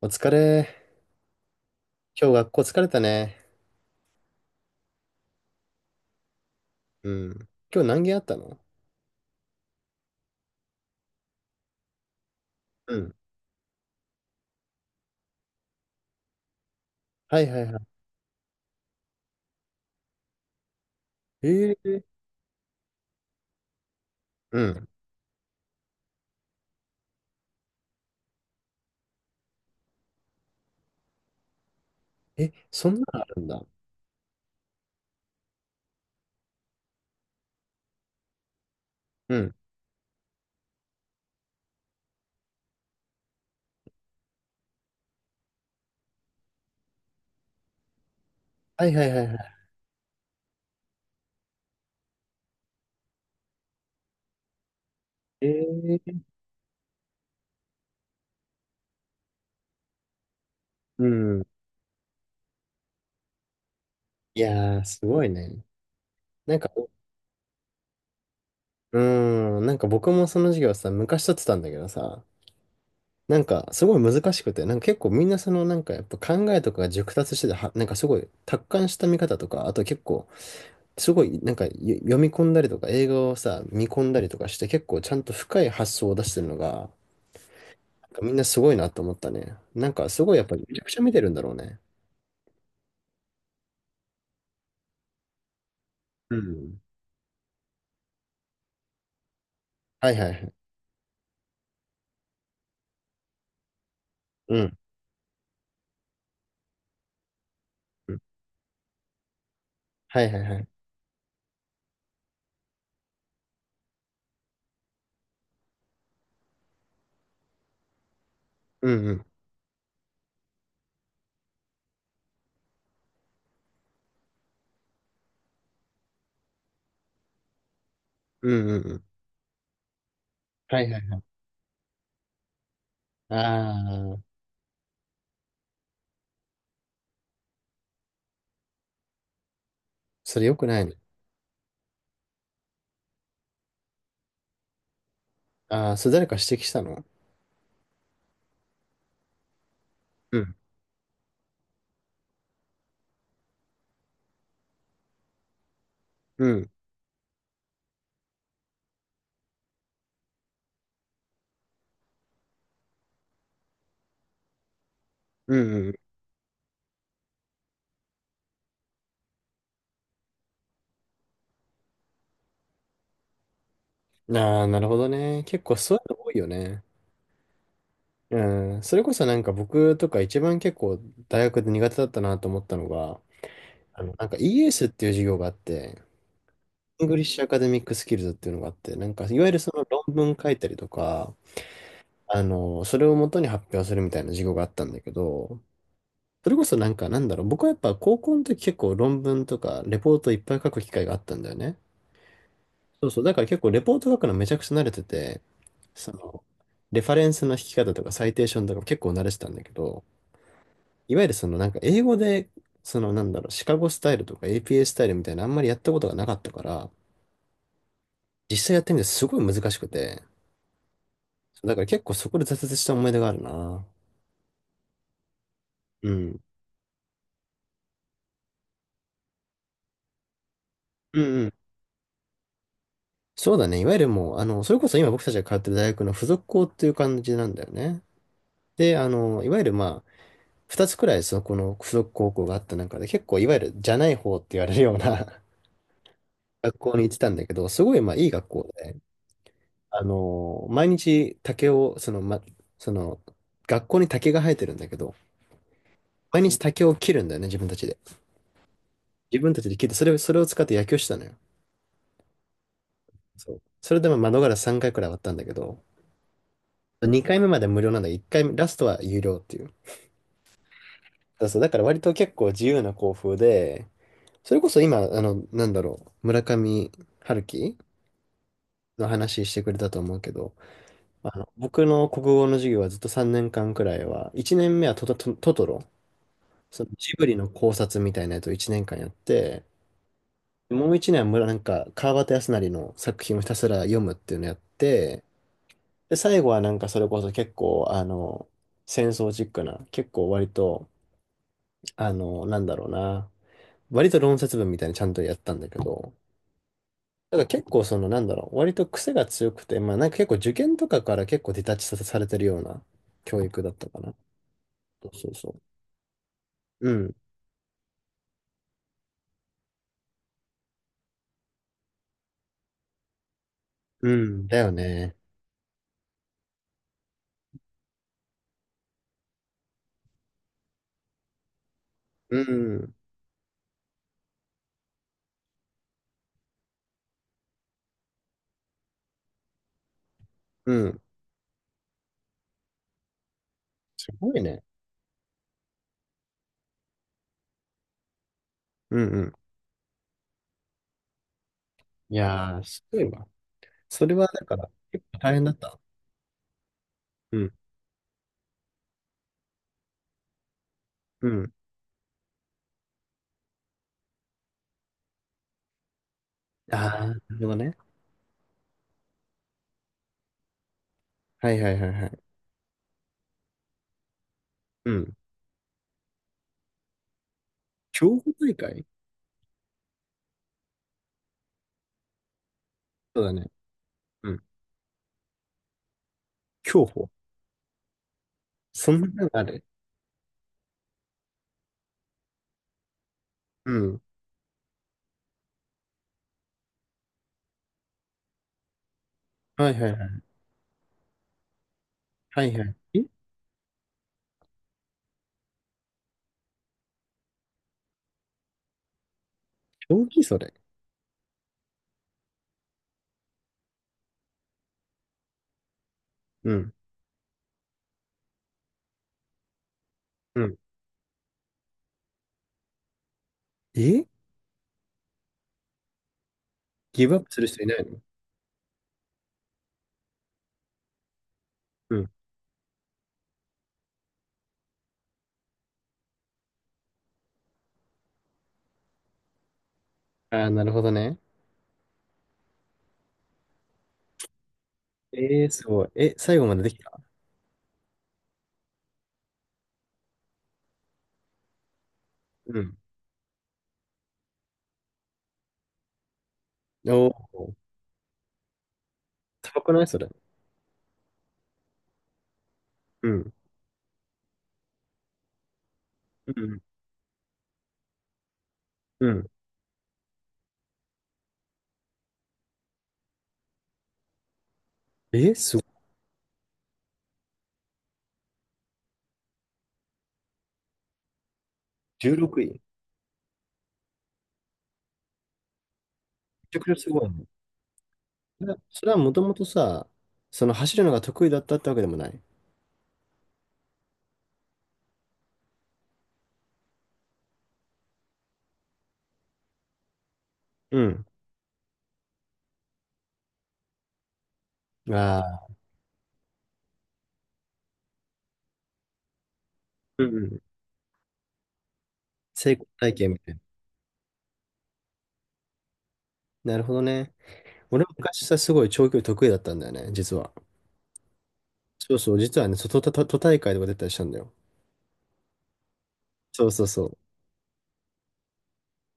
お疲れ。今日学校疲れたね。うん。今日何件あったの？うん。はいはいはい。うん。え、そんなのあるんだ。うん。はいはいはいはい。えー、うん。いやー、すごいね。なんか、うなんか僕もその授業さ、昔取ってたんだけどさ、なんかすごい難しくて、なんか結構みんなそのなんかやっぱ考えとかが熟達してて、は、なんかすごい達観した見方とか、あと結構すごい、なんか、よ読み込んだりとか、映画をさ、見込んだりとかして、結構ちゃんと深い発想を出してるのが、なんかみんなすごいなと思ったね。なんか、すごいやっぱりめちゃくちゃ見てるんだろうね。うん。はいはいはい。うん。うんはいはいはい。うんうん。うんうんうん。はいはいはい。ああ、それ良くないね。ああ、それ誰か指摘したの？うん。うん。うんうん。ああ、なるほどね。結構そういうの多いよね。うん。それこそなんか僕とか一番結構大学で苦手だったなと思ったのが、あの、なんか ES っていう授業があって、イングリッシュアカデミックスキルズっていうのがあって、なんかいわゆるその論文書いたりとか、あの、それを元に発表するみたいな授業があったんだけど、それこそなんかなんだろう、僕はやっぱ高校の時結構論文とかレポートいっぱい書く機会があったんだよね。そうそう、だから結構レポート書くのめちゃくちゃ慣れてて、その、レファレンスの引き方とかサイテーションとか結構慣れてたんだけど、いわゆるそのなんか英語で、そのなんだろう、シカゴスタイルとか APA スタイルみたいなあんまりやったことがなかったから、実際やってみてすごい難しくて、だから結構そこで挫折した思い出があるな。うん。うんうん。そうだね。いわゆるもう、あの、それこそ今僕たちが通ってる大学の付属校っていう感じなんだよね。で、あの、いわゆるまあ、二つくらいそこの付属高校があった中で、結構いわゆるじゃない方って言われるような 学校に行ってたんだけど、すごいまあいい学校で、あの、毎日竹を、その、ま、その、学校に竹が生えてるんだけど、毎日竹を切るんだよね、自分たちで。自分たちで切って、それを、それを使って野球してたのよ。そう。それでも窓ガラス3回くらい割ったんだけど、2回目まで無料なんだけど、1回目、ラストは有料っていう。だそう、だから割と結構自由な校風で、それこそ今、あの、なんだろう、村上春樹の話してくれたと思うけど、あの、僕の国語の授業はずっと3年間くらいは、1年目はトト、トトトロ、そのジブリの考察みたいなやつを1年間やって、もう1年は村、なんか、川端康成の作品をひたすら読むっていうのやって、で、最後はなんかそれこそ結構、あの、戦争チックな、結構割と、あの、なんだろうな、割と論説文みたいにちゃんとやったんだけど、ただから結構その、なんだろう、割と癖が強くて、まあなんか結構受験とかから結構ディタッチさせされてるような教育だったかな。そうそうそう。うん、うん、だよね。うん、うん、すごいね。うん、うん。いやー、すごいわ。それはだから、結構大変だった。うん、うん。ああ、なるほどね。はいはいはいはい。うん。競歩大会？そうだね。うん。競歩。そんなのある？うん。はいはいはい。はいはい。え、競技それ？うん。うん。え、ギブアップする人いないの？うん。ああ、なるほどね。えー、すごい。え、最後までできた？うん。おお、高くないそれ？うん。うん。うん。え、すごい。16位。めちゃくちゃすごいね。それはそれはもともとさ、その走るのが得意だったってわけでもない？うん。ああ、うんうん。成功体験みたいな。なるほどね。俺も昔さ、すごい長距離得意だったんだよね、実は。そうそう、実はね、そう都、都都都大会とか出たりしたんだよ。そうそうそう。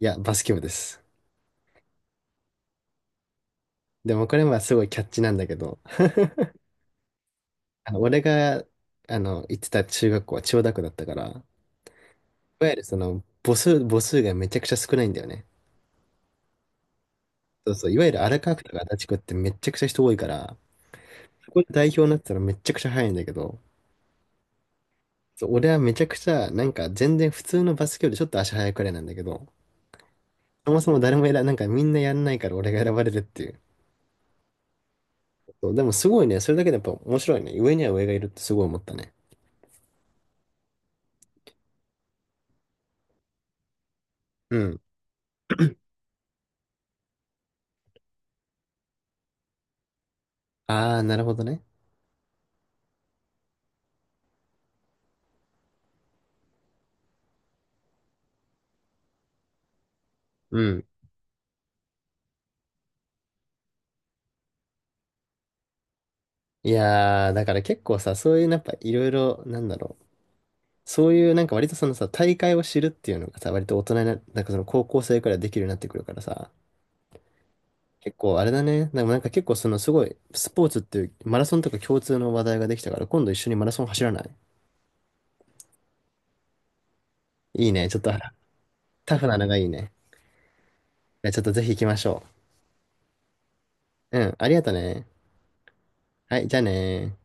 いや、バスケ部です。でもこれはすごいキャッチなんだけど、あの俺が、あの、行ってた中学校は千代田区だったから、いわゆるその、母数、母数がめちゃくちゃ少ないんだよね。そうそう、いわゆる荒川区とか足立区ってめちゃくちゃ人多いから、そこで代表になってたらめちゃくちゃ速いんだけど、そう、俺はめちゃくちゃ、なんか全然普通のバスケよりちょっと足速いくらいなんだけど、そもそも誰もやら、なんかみんなやんないから俺が選ばれるっていう。そう、でもすごいね。それだけでやっぱ面白いね。上には上がいるってすごい思ったね。うん。ああ、なるほどね。うん。いやー、だから結構さ、そういうやっぱいろいろ、なんだろう。そういうなんか割とそのさ、大会を知るっていうのがさ、割と大人にな、なんかその高校生くらいできるようになってくるからさ、結構あれだね。でもなんか結構そのすごい、スポーツっていうマラソンとか共通の話題ができたから、今度一緒にマラソン走らない？いいね。ちょっとあらタフなのがいいね。いやちょっとぜひ行きましょう。うん、ありがとね。はい、じゃあねー。